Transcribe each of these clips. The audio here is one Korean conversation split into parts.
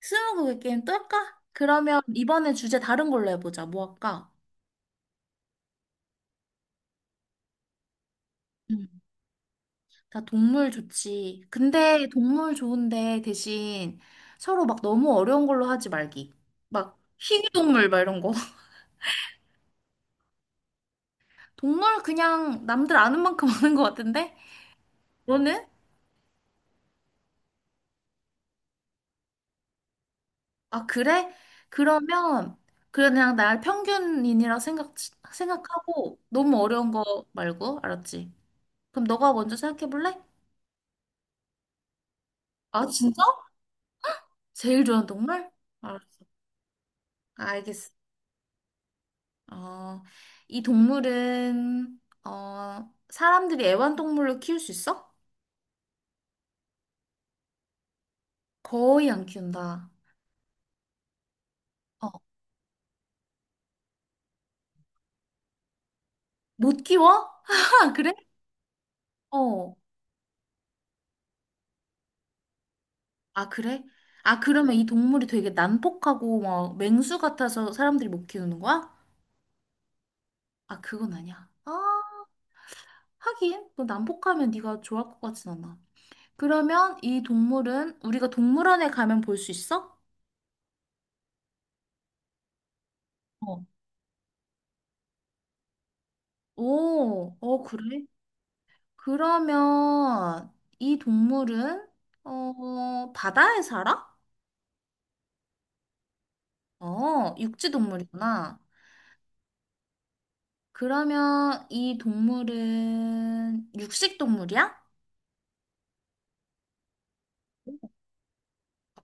스무고개 게임 또 할까? 그러면 이번에 주제 다른 걸로 해보자. 뭐 할까? 음. 나 동물 좋지. 근데 동물 좋은데 대신 서로 막 너무 어려운 걸로 하지 말기. 막 희귀동물 막 이런 거. 동물 그냥 남들 아는 만큼 아는 것 같은데? 너는? 아, 그래? 그러면 그냥 날 평균인이라 생각하고 너무 어려운 거 말고, 알았지? 그럼 너가 먼저 생각해 볼래? 아, 진짜? 제일 좋아하는 동물? 알았어. 알겠어. 어, 이 동물은, 사람들이 애완동물로 키울 수 있어? 거의 안 키운다. 어, 못 키워? 그래? 어. 아, 그래? 아, 그러면 이 동물이 되게 난폭하고 막 맹수 같아서 사람들이 못 키우는 거야? 아, 그건 아니야. 아, 하긴. 너 난폭하면 네가 좋아할 것 같진 않아. 그러면 이 동물은 우리가 동물원에 가면 볼 수 있어? 어. 오, 그래? 그러면 이 동물은 바다에 살아? 육지 동물이구나. 그러면 이 동물은 육식 동물이야?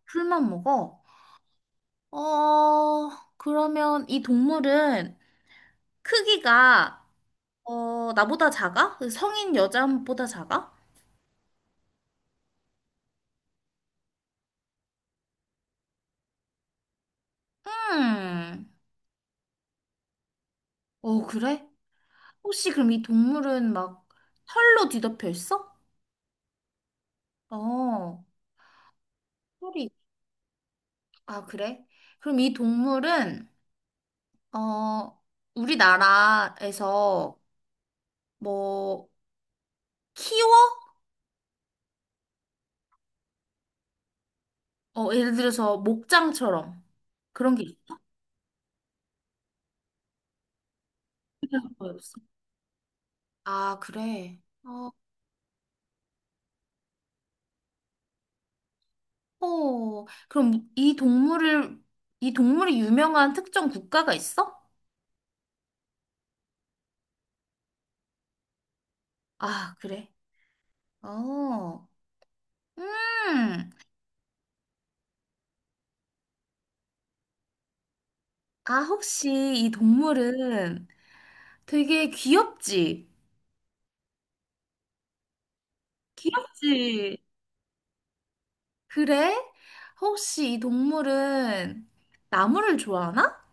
풀만 먹어? 어, 그러면 이 동물은 크기가 나보다 작아? 그 성인 여자보다 작아? 음. 어, 그래? 혹시 그럼 이 동물은 막 털로 뒤덮여 있어? 어. 털이 아, 그래? 그럼 이 동물은, 어, 우리나라에서 뭐, 키워? 예를 들어서 목장처럼 그런 게 있어? 거의 없어. 아, 그래. 그럼 이 동물이 유명한 특정 국가가 있어? 아, 그래. 어, 음. 아, 혹시 이 동물은 되게 귀엽지? 귀엽지? 그래? 혹시 이 동물은 나무를 좋아하나?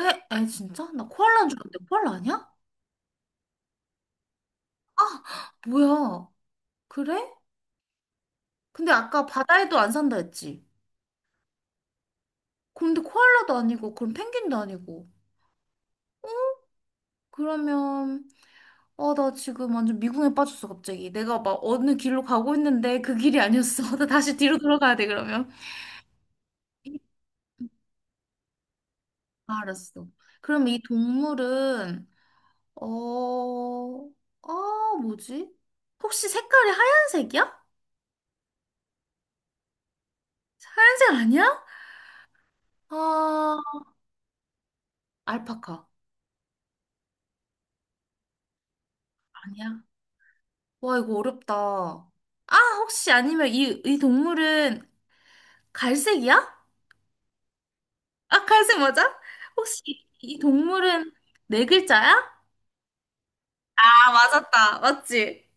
에, 에, 진짜? 나 코알라인 줄 알았는데 코알라 아니야? 아, 뭐야. 그래? 근데 아까 바다에도 안 산다 했지. 근데 코알라도 아니고, 그럼 펭귄도 아니고. 그러면, 아, 나 지금 완전 미궁에 빠졌어, 갑자기. 내가 막 어느 길로 가고 있는데 그 길이 아니었어. 나 다시 뒤로 돌아가야 돼, 그러면. 알았어. 그럼 이 동물은 어, 아, 뭐지? 혹시 색깔이 하얀색이야? 하얀색 아니야? 아, 알파카. 아니야. 와, 이거 어렵다. 아, 혹시 아니면 이 동물은 갈색이야? 아, 갈색 맞아? 혹시 이 동물은 네 글자야? 아, 맞았다. 맞지?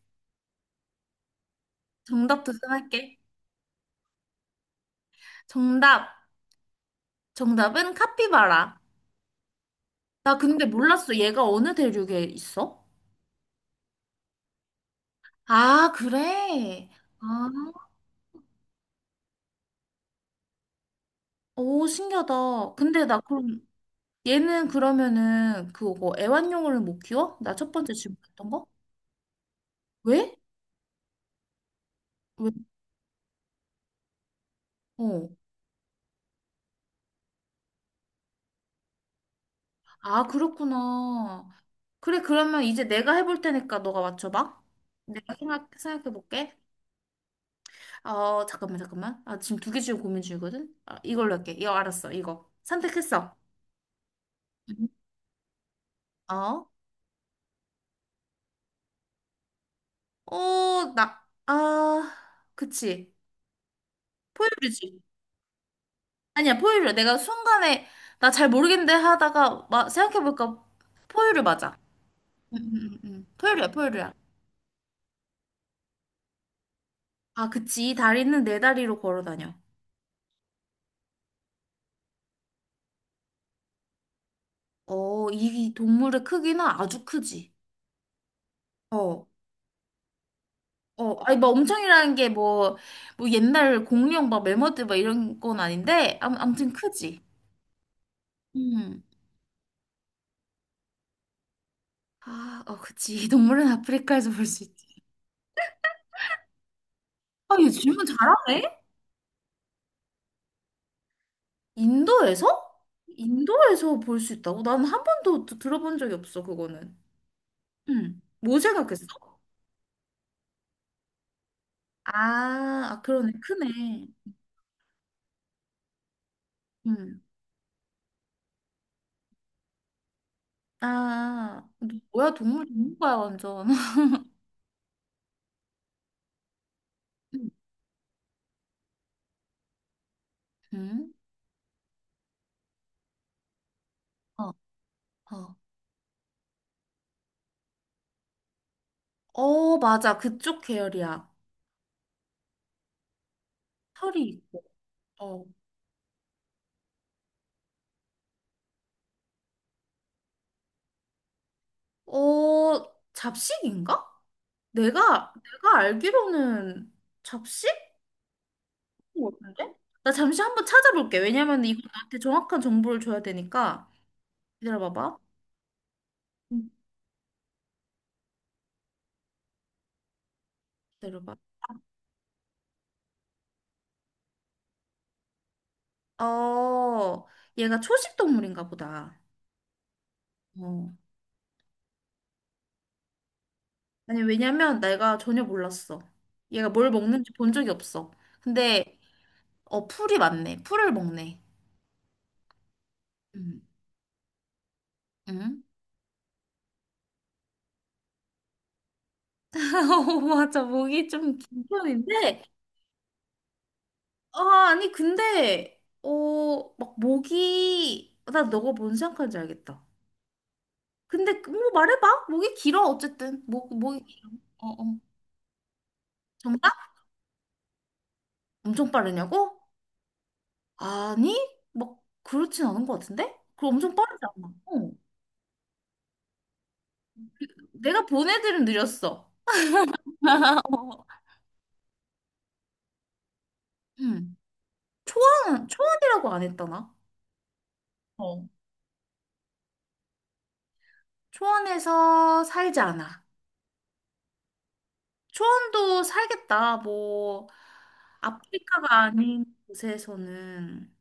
정답 도전할게. 정답. 정답은 카피바라. 나 근데 몰랐어. 얘가 어느 대륙에 있어? 아, 그래. 아. 오, 신기하다. 근데 나 그럼 얘는 그러면은 그거 애완용을 못 키워? 나 첫 번째 질문했던 거? 왜? 왜? 어. 아, 그렇구나. 그래, 그러면 이제 내가 해볼 테니까 너가 맞춰봐. 내가 생각해 볼게. 어, 잠깐만, 잠깐만. 아, 지금 두 개 지금 고민 중이거든? 아, 이걸로 할게. 이거 알았어, 이거. 선택했어. 음. 어? 어, 나, 아, 그치. 포유류지. 아니야, 포유류. 내가 순간에, 나 잘 모르겠는데 하다가, 막, 생각해보니까, 포유류 맞아. 응, 응, 응. 응. 포유류야, 포유류야. 아, 그치. 이 다리는 네 다리로 걸어 다녀. 이 동물의 크기는 아주 크지. 어, 아니, 막 엄청이라는 게 뭐 옛날 공룡, 막 매머드, 막 이런 건 아닌데, 암, 아무튼 크지. 음. 아, 그치. 이 동물은 아프리카에서 볼 수 있지. 아, 얘 질문 잘하네. 인도에서? 인도에서 볼 수 있다고? 난 한 번도 들어본 적이 없어, 그거는. 응. 뭐 생각했어? 아, 아, 그러네. 크네. 응. 아, 너 뭐야, 동물 전문가야, 완전. 응. 응? 어, 어. 어, 맞아. 그쪽 계열이야. 털이 있고. 어. 잡식인가? 내가 알기로는 잡식? 같은데? 나 잠시 한 번 찾아볼게. 왜냐면 이거 나한테 정확한 정보를 줘야 되니까. 기다려봐봐. 응. 기다려봐. 어, 얘가 초식 동물인가 보다. 어. 아니, 왜냐면 내가 전혀 몰랐어. 얘가 뭘 먹는지 본 적이 없어. 근데, 풀이 많네. 풀을 먹네. 응. 응? 어, 맞아. 목이 좀 긴 편인데, 아, 아니, 근데, 나 너가 뭔 생각하는지 알겠다. 근데, 뭐 말해봐. 목이 길어, 어쨌든. 목이 길어. 어, 어. 정답? 엄청 빠르냐고? 아니? 막 그렇진 않은 것 같은데? 그럼 엄청 빠르지 않나? 어. 내가 본 애들은 느렸어. 응. 초초원이라고 안 했다나? 어. 초원에서 살지 않아. 초원도 살겠다. 뭐, 아프리카가 아닌 곳에서는.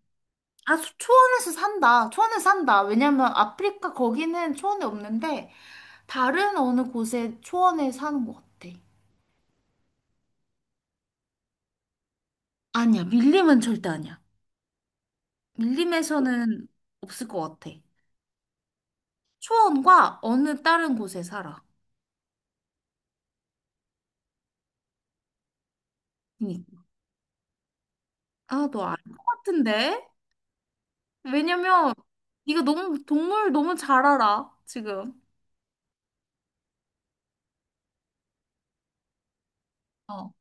아, 초원에서 산다. 초원에 산다. 왜냐면 아프리카 거기는 초원이 없는데, 다른 어느 곳에 초원에 사는 것 같아. 아니야, 밀림은 절대 아니야. 밀림에서는 없을 것 같아. 초원과 어느 다른 곳에 살아. 그니- 아, 너 알 것 같은데? 왜냐면 네가 너무 동물 너무 잘 알아, 지금. 어,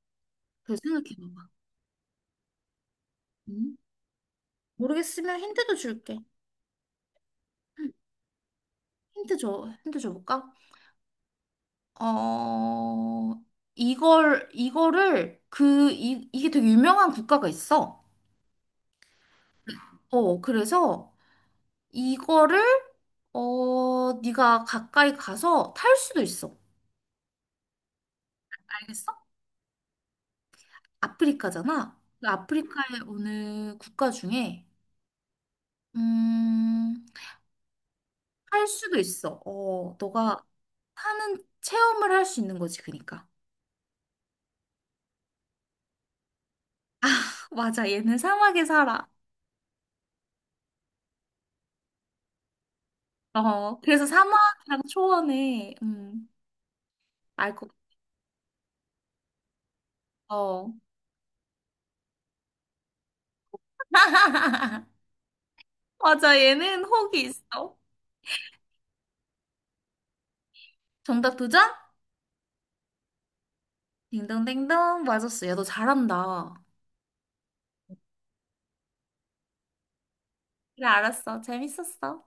그래 생각해봐봐. 응? 모르겠으면 힌트도 줄게. 응, 힌트 줘볼까? 어, 이걸, 이거를, 그, 이, 이게 되게 유명한 국가가 있어. 그래서 이거를, 네가 가까이 가서 탈 수도 있어. 알겠어? 아프리카잖아. 그 아프리카의 어느 국가 중에 음, 할 수도 있어. 너가 사는 체험을 할 수 있는 거지, 그러니까. 맞아, 얘는 사막에 살아. 그래서 사막이랑 초원에 알것 같아. 어. 맞아, 얘는 혹이 있어. 정답 도전? 딩동댕동 맞았어. 야, 너 잘한다. 그래, 알았어. 재밌었어.